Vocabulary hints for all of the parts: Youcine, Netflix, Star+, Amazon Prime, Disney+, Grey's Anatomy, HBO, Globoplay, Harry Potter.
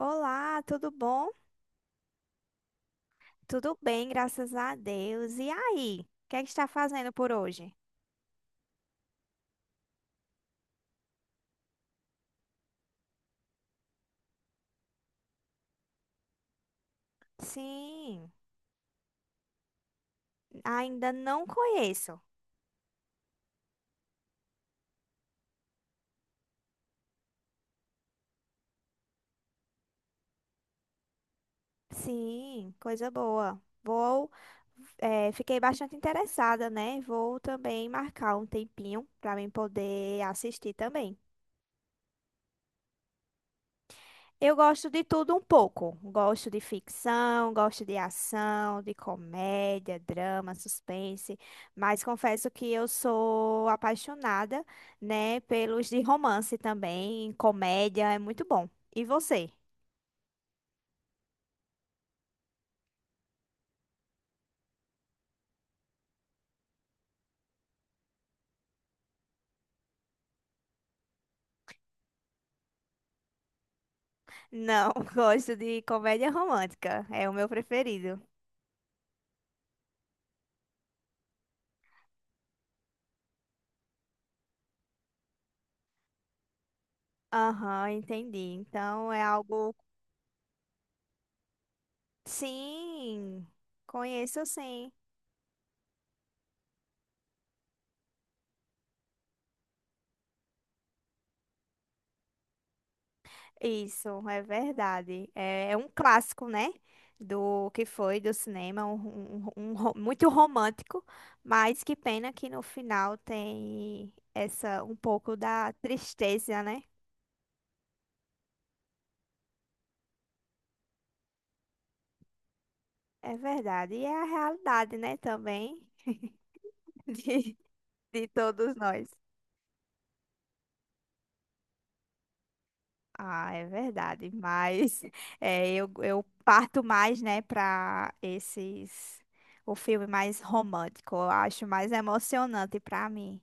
Olá, tudo bom? Tudo bem, graças a Deus. E aí? O que é que está fazendo por hoje? Sim, ainda não conheço. Sim, coisa boa. Vou, fiquei bastante interessada, né? Vou também marcar um tempinho para mim poder assistir também. Eu gosto de tudo um pouco. Gosto de ficção, gosto de ação, de comédia, drama, suspense, mas confesso que eu sou apaixonada, né, pelos de romance também, comédia é muito bom. E você? Não, gosto de comédia romântica, é o meu preferido. Aham, entendi. Então é algo. Sim, conheço sim. Isso, é verdade. É, é um clássico, né? Do que foi do cinema, um muito romântico, mas que pena que no final tem essa um pouco da tristeza, né? É verdade. E é a realidade, né, também. de, de todos nós. Ah, é verdade. Mas é, eu parto mais, né, para esses o filme mais romântico. Eu acho mais emocionante para mim.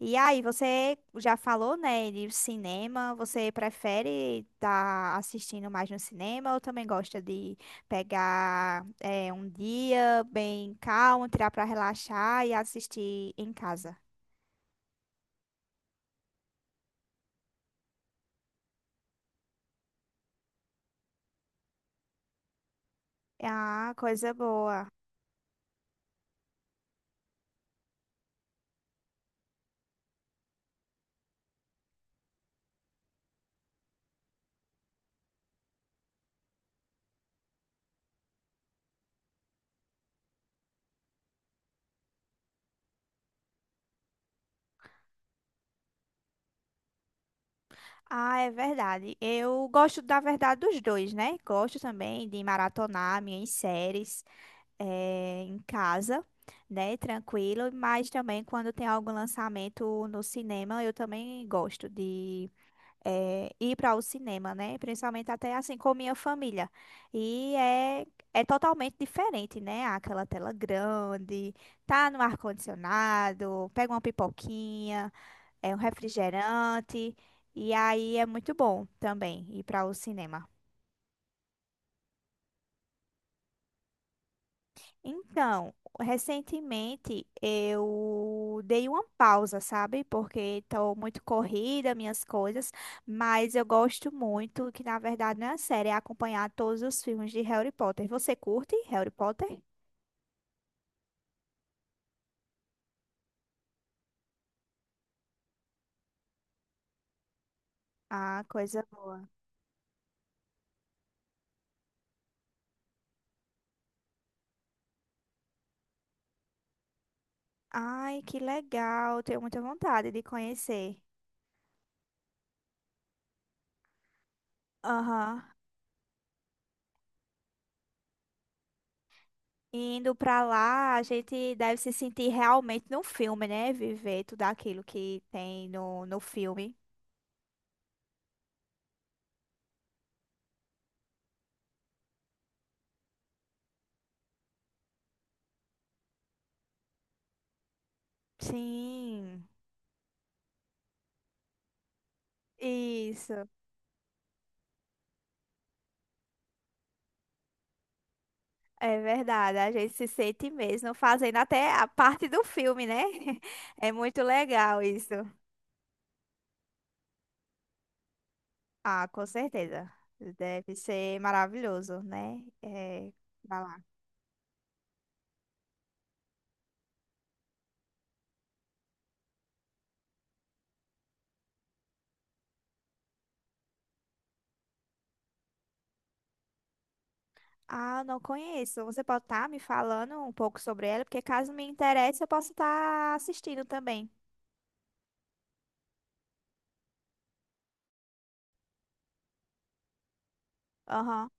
E aí, você já falou, né, de cinema, você prefere estar assistindo mais no cinema ou também gosta de pegar um dia bem calmo, tirar para relaxar e assistir em casa? Ah, coisa boa. Ah, é verdade. Eu gosto, da verdade, dos dois, né? Gosto também de maratonar minhas séries, em casa, né? Tranquilo, mas também quando tem algum lançamento no cinema, eu também gosto de ir para o cinema, né? Principalmente até assim com minha família. E é, é totalmente diferente, né? Aquela tela grande, tá no ar-condicionado, pega uma pipoquinha, é um refrigerante, e aí é muito bom também ir para o cinema. Então, recentemente eu dei uma pausa, sabe? Porque estou muito corrida, minhas coisas, mas eu gosto muito, que na verdade não é a série, é acompanhar todos os filmes de Harry Potter. Você curte Harry Potter? Ah, coisa boa. Ai, que legal, tenho muita vontade de conhecer. Aham. Indo pra lá, a gente deve se sentir realmente no filme, né? Viver tudo aquilo que tem no, no filme. Sim. Isso, é verdade. A gente se sente mesmo fazendo até a parte do filme, né? É muito legal isso. Ah, com certeza. Deve ser maravilhoso, né? É, vai lá. Ah, não conheço. Você pode estar me falando um pouco sobre ela, porque caso me interesse, eu posso estar assistindo também. Aham.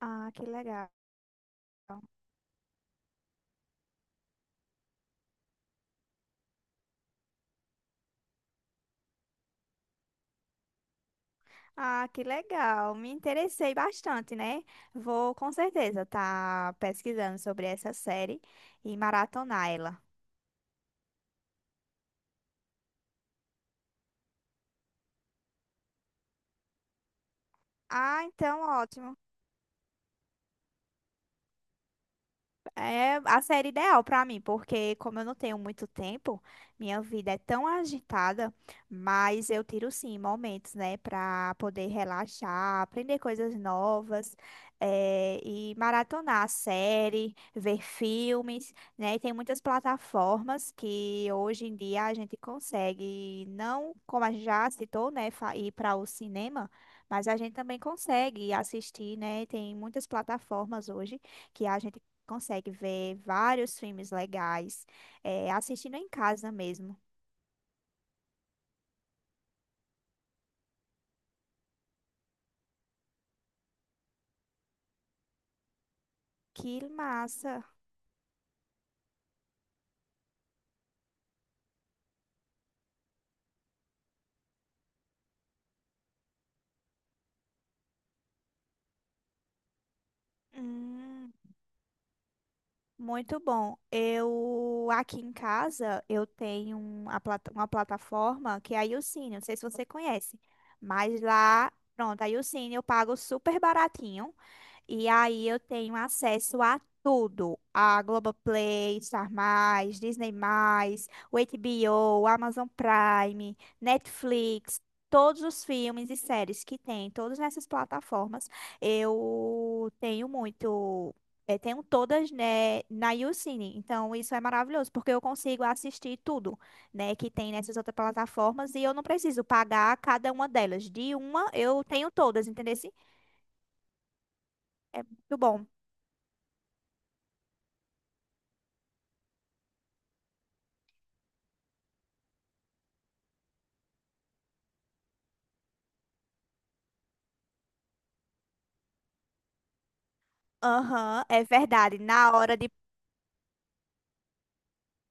Ah, que legal. Ah, que legal. Me interessei bastante, né? Vou com certeza estar pesquisando sobre essa série e maratonar ela. Ah, então ótimo. É a série ideal pra mim, porque como eu não tenho muito tempo, minha vida é tão agitada, mas eu tiro sim momentos, né, pra poder relaxar, aprender coisas novas, e maratonar série, ver filmes, né? E tem muitas plataformas que hoje em dia a gente consegue, não como a gente já citou, né, ir para o cinema, mas a gente também consegue assistir, né? Tem muitas plataformas hoje que a gente consegue ver vários filmes legais, é, assistindo em casa mesmo. Que massa! Hum, muito bom. Eu aqui em casa eu tenho uma, uma plataforma que é a Youcine, não sei se você conhece, mas lá, pronto, a Youcine eu pago super baratinho. E aí eu tenho acesso a tudo, a Globoplay, Star+, Disney+, o HBO, Amazon Prime, Netflix, todos os filmes e séries que tem, todas essas plataformas, eu tenho muito, tenho todas, né, na YouCine. Então isso é maravilhoso, porque eu consigo assistir tudo, né, que tem nessas outras plataformas e eu não preciso pagar cada uma delas. De uma eu tenho todas, entendeu? É muito bom. Aham, é verdade. Na hora de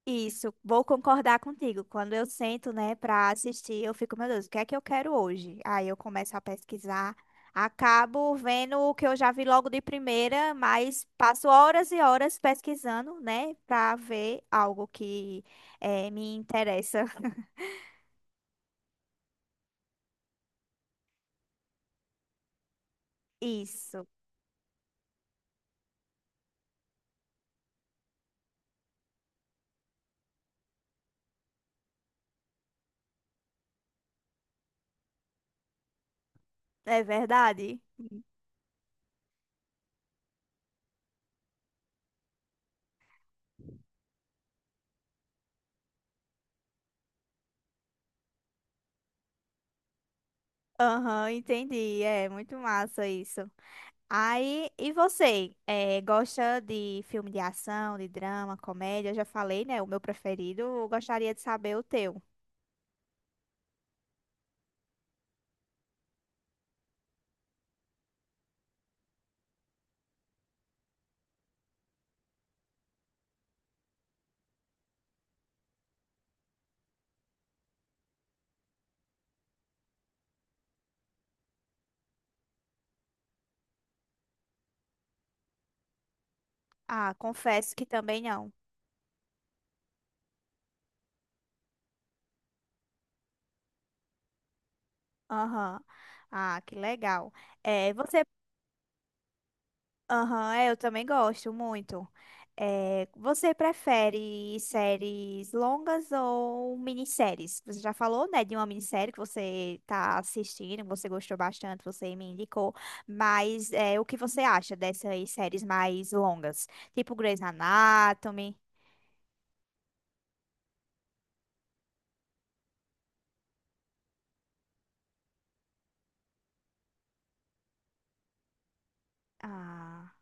isso, vou concordar contigo. Quando eu sento, né, pra assistir, eu fico, meu Deus, o que é que eu quero hoje? Aí eu começo a pesquisar, acabo vendo o que eu já vi logo de primeira, mas passo horas e horas pesquisando, né, pra ver algo que me interessa. Isso, é verdade. Aham, entendi. É muito massa isso. Aí, e você? Gosta de filme de ação, de drama, comédia? Eu já falei, né? O meu preferido. Eu gostaria de saber o teu. Ah, confesso que também não. Aham. Ah, que legal. Você. Aham, é, eu também gosto muito. É, você prefere séries longas ou minisséries? Você já falou, né, de uma minissérie que você tá assistindo, que você gostou bastante, você me indicou, mas é, o que você acha dessas séries mais longas? Tipo Grey's Anatomy? Ah,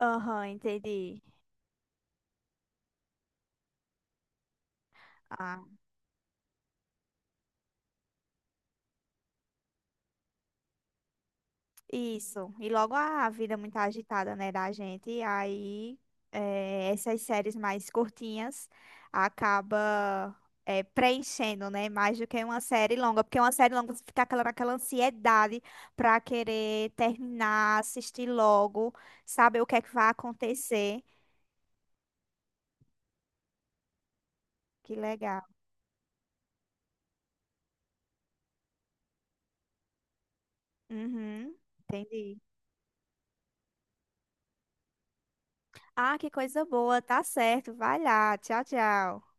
aham, entendi. Isso. E logo a vida é muito agitada, né, da gente. E aí, essas séries mais curtinhas acaba preenchendo, né, mais do que uma série longa. Porque uma série longa você fica aquela, naquela ansiedade pra querer terminar, assistir logo, saber o que é que vai acontecer. Que legal. Uhum, entendi. Ah, que coisa boa. Tá certo. Vai lá. Tchau, tchau.